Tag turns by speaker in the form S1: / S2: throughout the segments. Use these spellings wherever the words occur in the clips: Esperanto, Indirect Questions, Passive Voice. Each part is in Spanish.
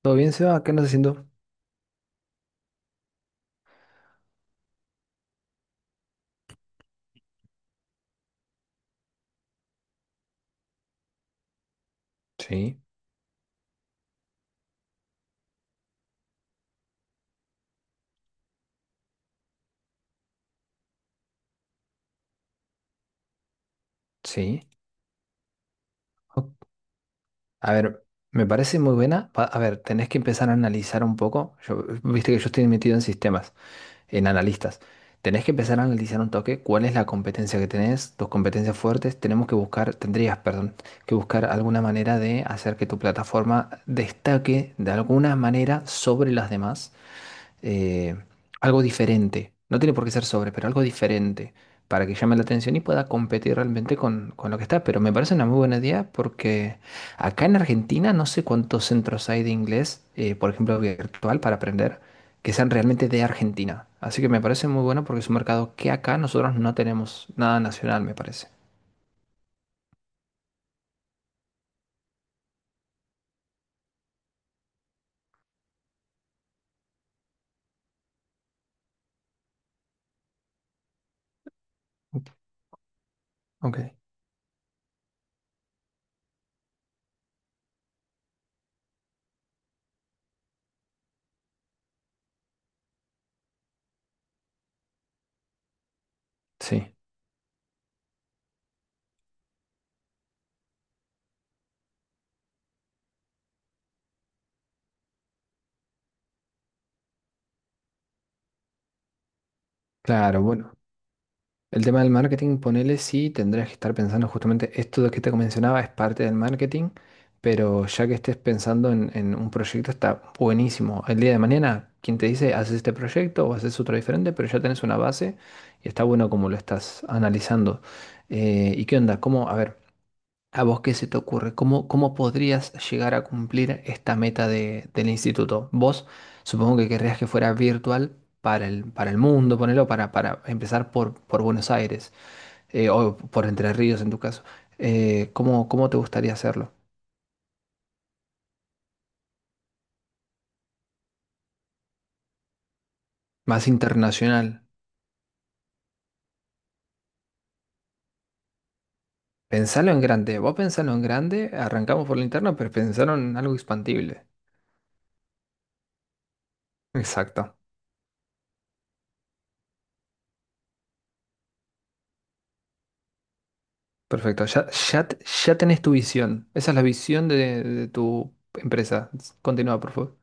S1: ¿Todo bien, Seba? ¿Qué andas haciendo? Sí, sí. Ok. A ver, me parece muy buena. A ver, tenés que empezar a analizar un poco. Yo, viste que yo estoy metido en sistemas, en analistas. Tenés que empezar a analizar un toque cuál es la competencia que tenés, tus competencias fuertes. Tenemos que buscar, tendrías, perdón, que buscar alguna manera de hacer que tu plataforma destaque de alguna manera sobre las demás. eh, Algo diferente. No tiene por qué ser sobre, pero algo diferente para que llame la atención y pueda competir realmente con lo que está. Pero me parece una muy buena idea porque acá en Argentina no sé cuántos centros hay de inglés, por ejemplo, virtual para aprender, que sean realmente de Argentina. Así que me parece muy bueno porque es un mercado que acá nosotros no tenemos nada nacional, me parece. Ok. Sí, claro, bueno. El tema del marketing, ponele sí, tendrías que estar pensando justamente esto de que te mencionaba es parte del marketing, pero ya que estés pensando en un proyecto está buenísimo. El día de mañana, quien te dice, haces este proyecto o haces otro diferente, pero ya tenés una base y está bueno como lo estás analizando. ¿Y qué onda? ¿Cómo, a ver, a vos qué se te ocurre? ¿Cómo podrías llegar a cumplir esta meta del instituto? Vos supongo que querrías que fuera virtual para el mundo, ponelo, para empezar por Buenos Aires, o por Entre Ríos en tu caso. ¿Cómo cómo, te gustaría hacerlo? Más internacional. Pensalo en grande. Vos pensalo en grande, arrancamos por la interno pero pensaron en algo expandible. Exacto. Perfecto. Ya, ya, ya tenés tu visión. Esa es la visión de tu empresa. Continúa, por favor.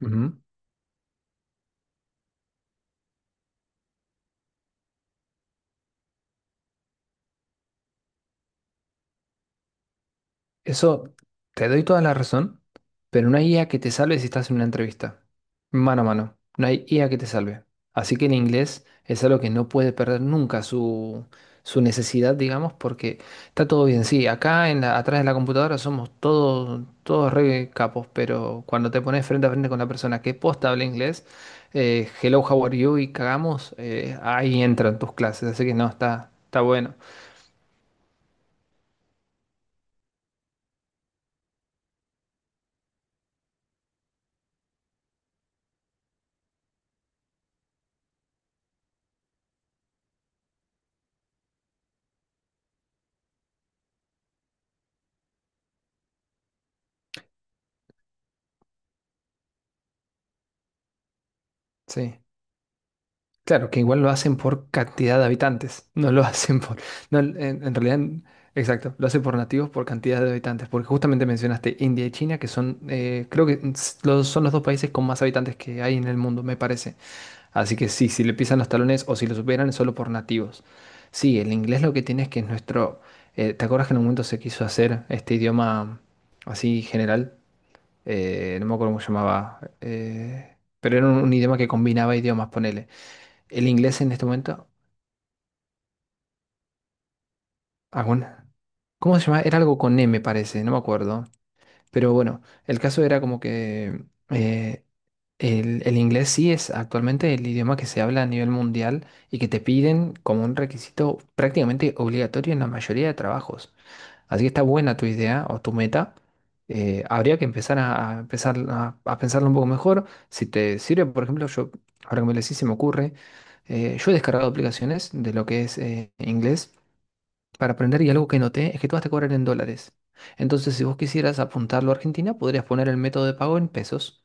S1: Ujú. Eso, te doy toda la razón, pero no hay IA que te salve si estás en una entrevista. Mano a mano, no hay IA que te salve. Así que el inglés es algo que no puede perder nunca su, necesidad, digamos, porque está todo bien. Sí, acá en atrás de la computadora somos todos, todos re capos, pero cuando te pones frente a frente con la persona que posta habla inglés, hello, how are you y cagamos, ahí entran tus clases. Así que no, está bueno. Sí. Claro, que igual lo hacen por cantidad de habitantes, no lo hacen por... No, en realidad, exacto, lo hacen por nativos, por cantidad de habitantes, porque justamente mencionaste India y China, que son, creo que los, son los dos países con más habitantes que hay en el mundo, me parece. Así que sí, si le pisan los talones o si lo superan es solo por nativos. Sí, el inglés lo que tiene es que es nuestro... ¿Te acuerdas que en un momento se quiso hacer este idioma así general? No me acuerdo cómo se llamaba, pero era un idioma que combinaba idiomas, ponele el inglés en este momento, alguna, ¿cómo se llama? Era algo con M, parece, no me acuerdo. Pero bueno, el caso era como que eh, el inglés sí es actualmente el idioma que se habla a nivel mundial y que te piden como un requisito prácticamente obligatorio en la mayoría de trabajos. Así que está buena tu idea o tu meta. Habría que empezar a empezar a pensarlo un poco mejor. Si te sirve, por ejemplo, yo, ahora que me lo decís, se me ocurre, yo he descargado aplicaciones de lo que es inglés para aprender y algo que noté es que todas te cobran en dólares. Entonces, si vos quisieras apuntarlo a Argentina, podrías poner el método de pago en pesos.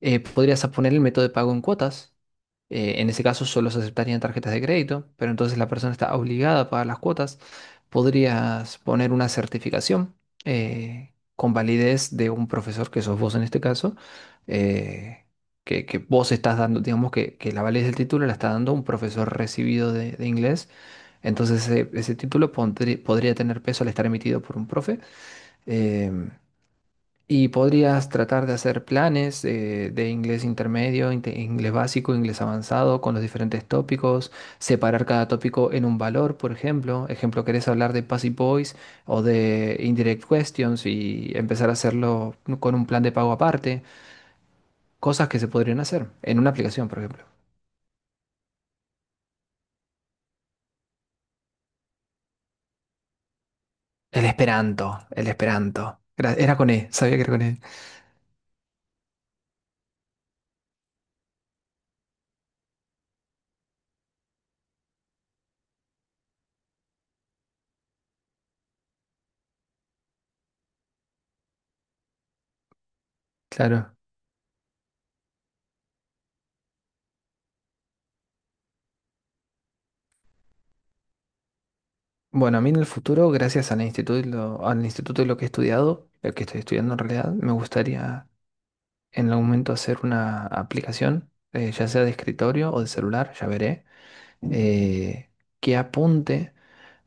S1: Podrías poner el método de pago en cuotas. En ese caso solo se aceptarían tarjetas de crédito, pero entonces la persona está obligada a pagar las cuotas. Podrías poner una certificación con validez de un profesor que sos vos en este caso, eh, que, vos estás dando, digamos que la validez del título la está dando un profesor recibido de inglés. Entonces ese título podría tener peso al estar emitido por un profe. Em, y podrías tratar de hacer planes de inglés intermedio, inglés básico, inglés avanzado, con los diferentes tópicos, separar cada tópico en un valor, por ejemplo. Ejemplo, querés hablar de Passive Voice o de Indirect Questions y empezar a hacerlo, ¿no?, con un plan de pago aparte. Cosas que se podrían hacer en una aplicación, por ejemplo. El Esperanto, el Esperanto. Era con E, sabía que era con E. Claro. Bueno, a mí en el futuro, gracias al instituto de lo que he estudiado, lo que estoy estudiando en realidad, me gustaría en algún momento hacer una aplicación, ya sea de escritorio o de celular, ya veré, eh, que apunte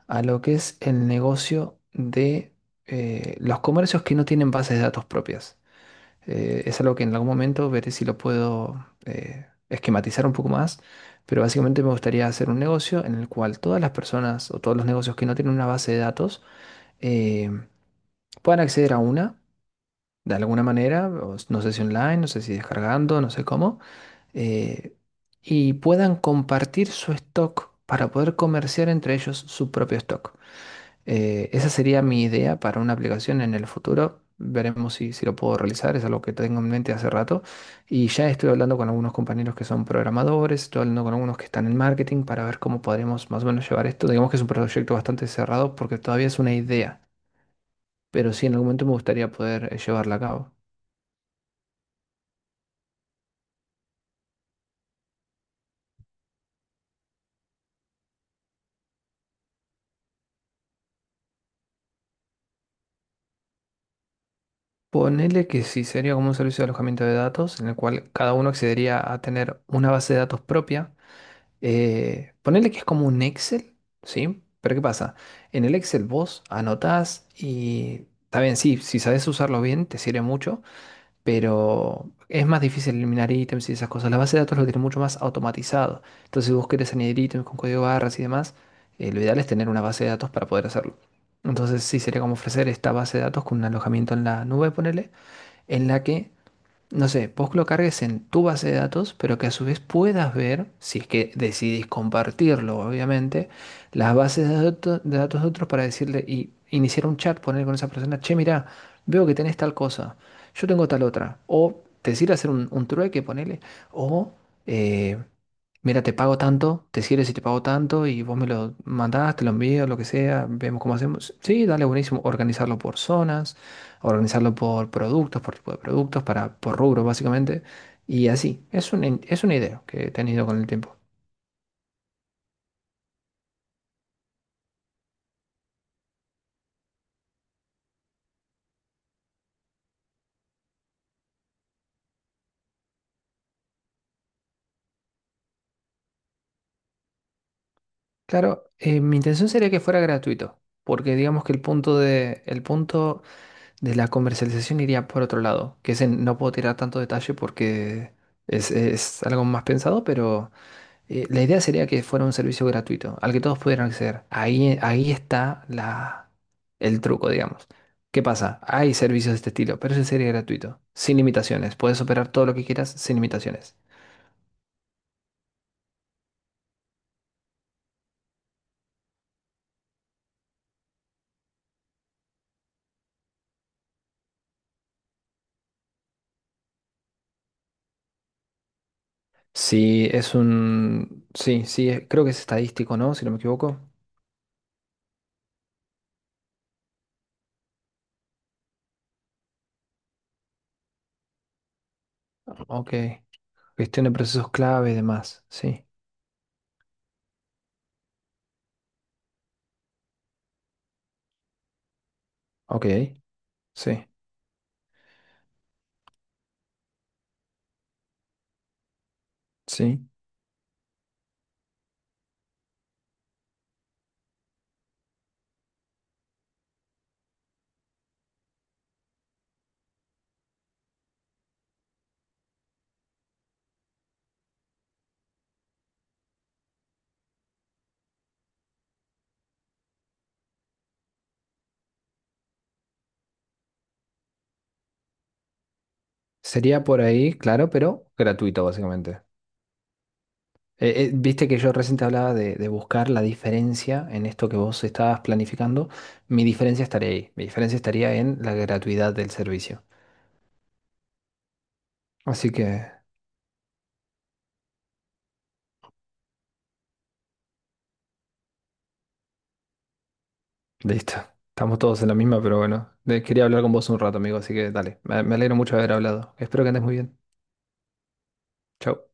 S1: a lo que es el negocio de los comercios que no tienen bases de datos propias. Es algo que en algún momento veré si lo puedo esquematizar un poco más, pero básicamente me gustaría hacer un negocio en el cual todas las personas o todos los negocios que no tienen una base de datos eh, puedan acceder a una de alguna manera, o no sé si online, no sé si descargando, no sé cómo, eh, y puedan compartir su stock para poder comerciar entre ellos su propio stock. Esa sería mi idea para una aplicación en el futuro. Veremos si lo puedo realizar, es algo que tengo en mente hace rato. Y ya estoy hablando con algunos compañeros que son programadores, estoy hablando con algunos que están en marketing para ver cómo podremos más o menos llevar esto. Digamos que es un proyecto bastante cerrado porque todavía es una idea, pero sí en algún momento me gustaría poder llevarla a cabo. Ponele que sí, sería como un servicio de alojamiento de datos en el cual cada uno accedería a tener una base de datos propia. Ponele que es como un Excel, ¿sí? Pero ¿qué pasa? En el Excel vos anotás y está bien, sí, si sabes usarlo bien te sirve mucho, pero es más difícil eliminar ítems y esas cosas. La base de datos lo tiene mucho más automatizado. Entonces si vos querés añadir ítems con código barras y demás, lo ideal es tener una base de datos para poder hacerlo. Entonces sí sería como ofrecer esta base de datos con un alojamiento en la nube, ponele, en la que, no sé, vos lo cargues en tu base de datos, pero que a su vez puedas ver, si es que decidís compartirlo, obviamente, las bases de datos de otros para decirle y iniciar un chat, poner con esa persona, che, mirá, veo que tenés tal cosa, yo tengo tal otra, o decir hacer un, trueque, ponele, o... eh, mira, te pago tanto, te sirve si te pago tanto y vos me lo mandás, te lo envío, lo que sea, vemos cómo hacemos. Sí, dale, buenísimo. Organizarlo por zonas, organizarlo por productos, por tipo de productos, para, por rubro básicamente. Y así, es una idea que he tenido con el tiempo. Claro, mi intención sería que fuera gratuito, porque digamos que el punto de la comercialización iría por otro lado, que ese no puedo tirar tanto detalle porque es algo más pensado, pero... La idea sería que fuera un servicio gratuito, al que todos pudieran acceder. Ahí, ahí está la, el truco, digamos. ¿Qué pasa? Hay servicios de este estilo, pero ese sería gratuito, sin limitaciones. Puedes operar todo lo que quieras sin limitaciones. Sí, es un... Sí, sí, creo que es estadístico, ¿no? Si no me equivoco. Ok. Gestión de procesos clave y demás. Sí. Ok. Sí. Sí. Sería por ahí, claro, pero gratuito, básicamente. Viste que yo recién te hablaba de buscar la diferencia en esto que vos estabas planificando. Mi diferencia estaría ahí. Mi diferencia estaría en la gratuidad del servicio. Así que, listo. Estamos todos en la misma, pero bueno. Quería hablar con vos un rato, amigo, así que dale. Me alegro mucho de haber hablado. Espero que andes muy bien. Chau.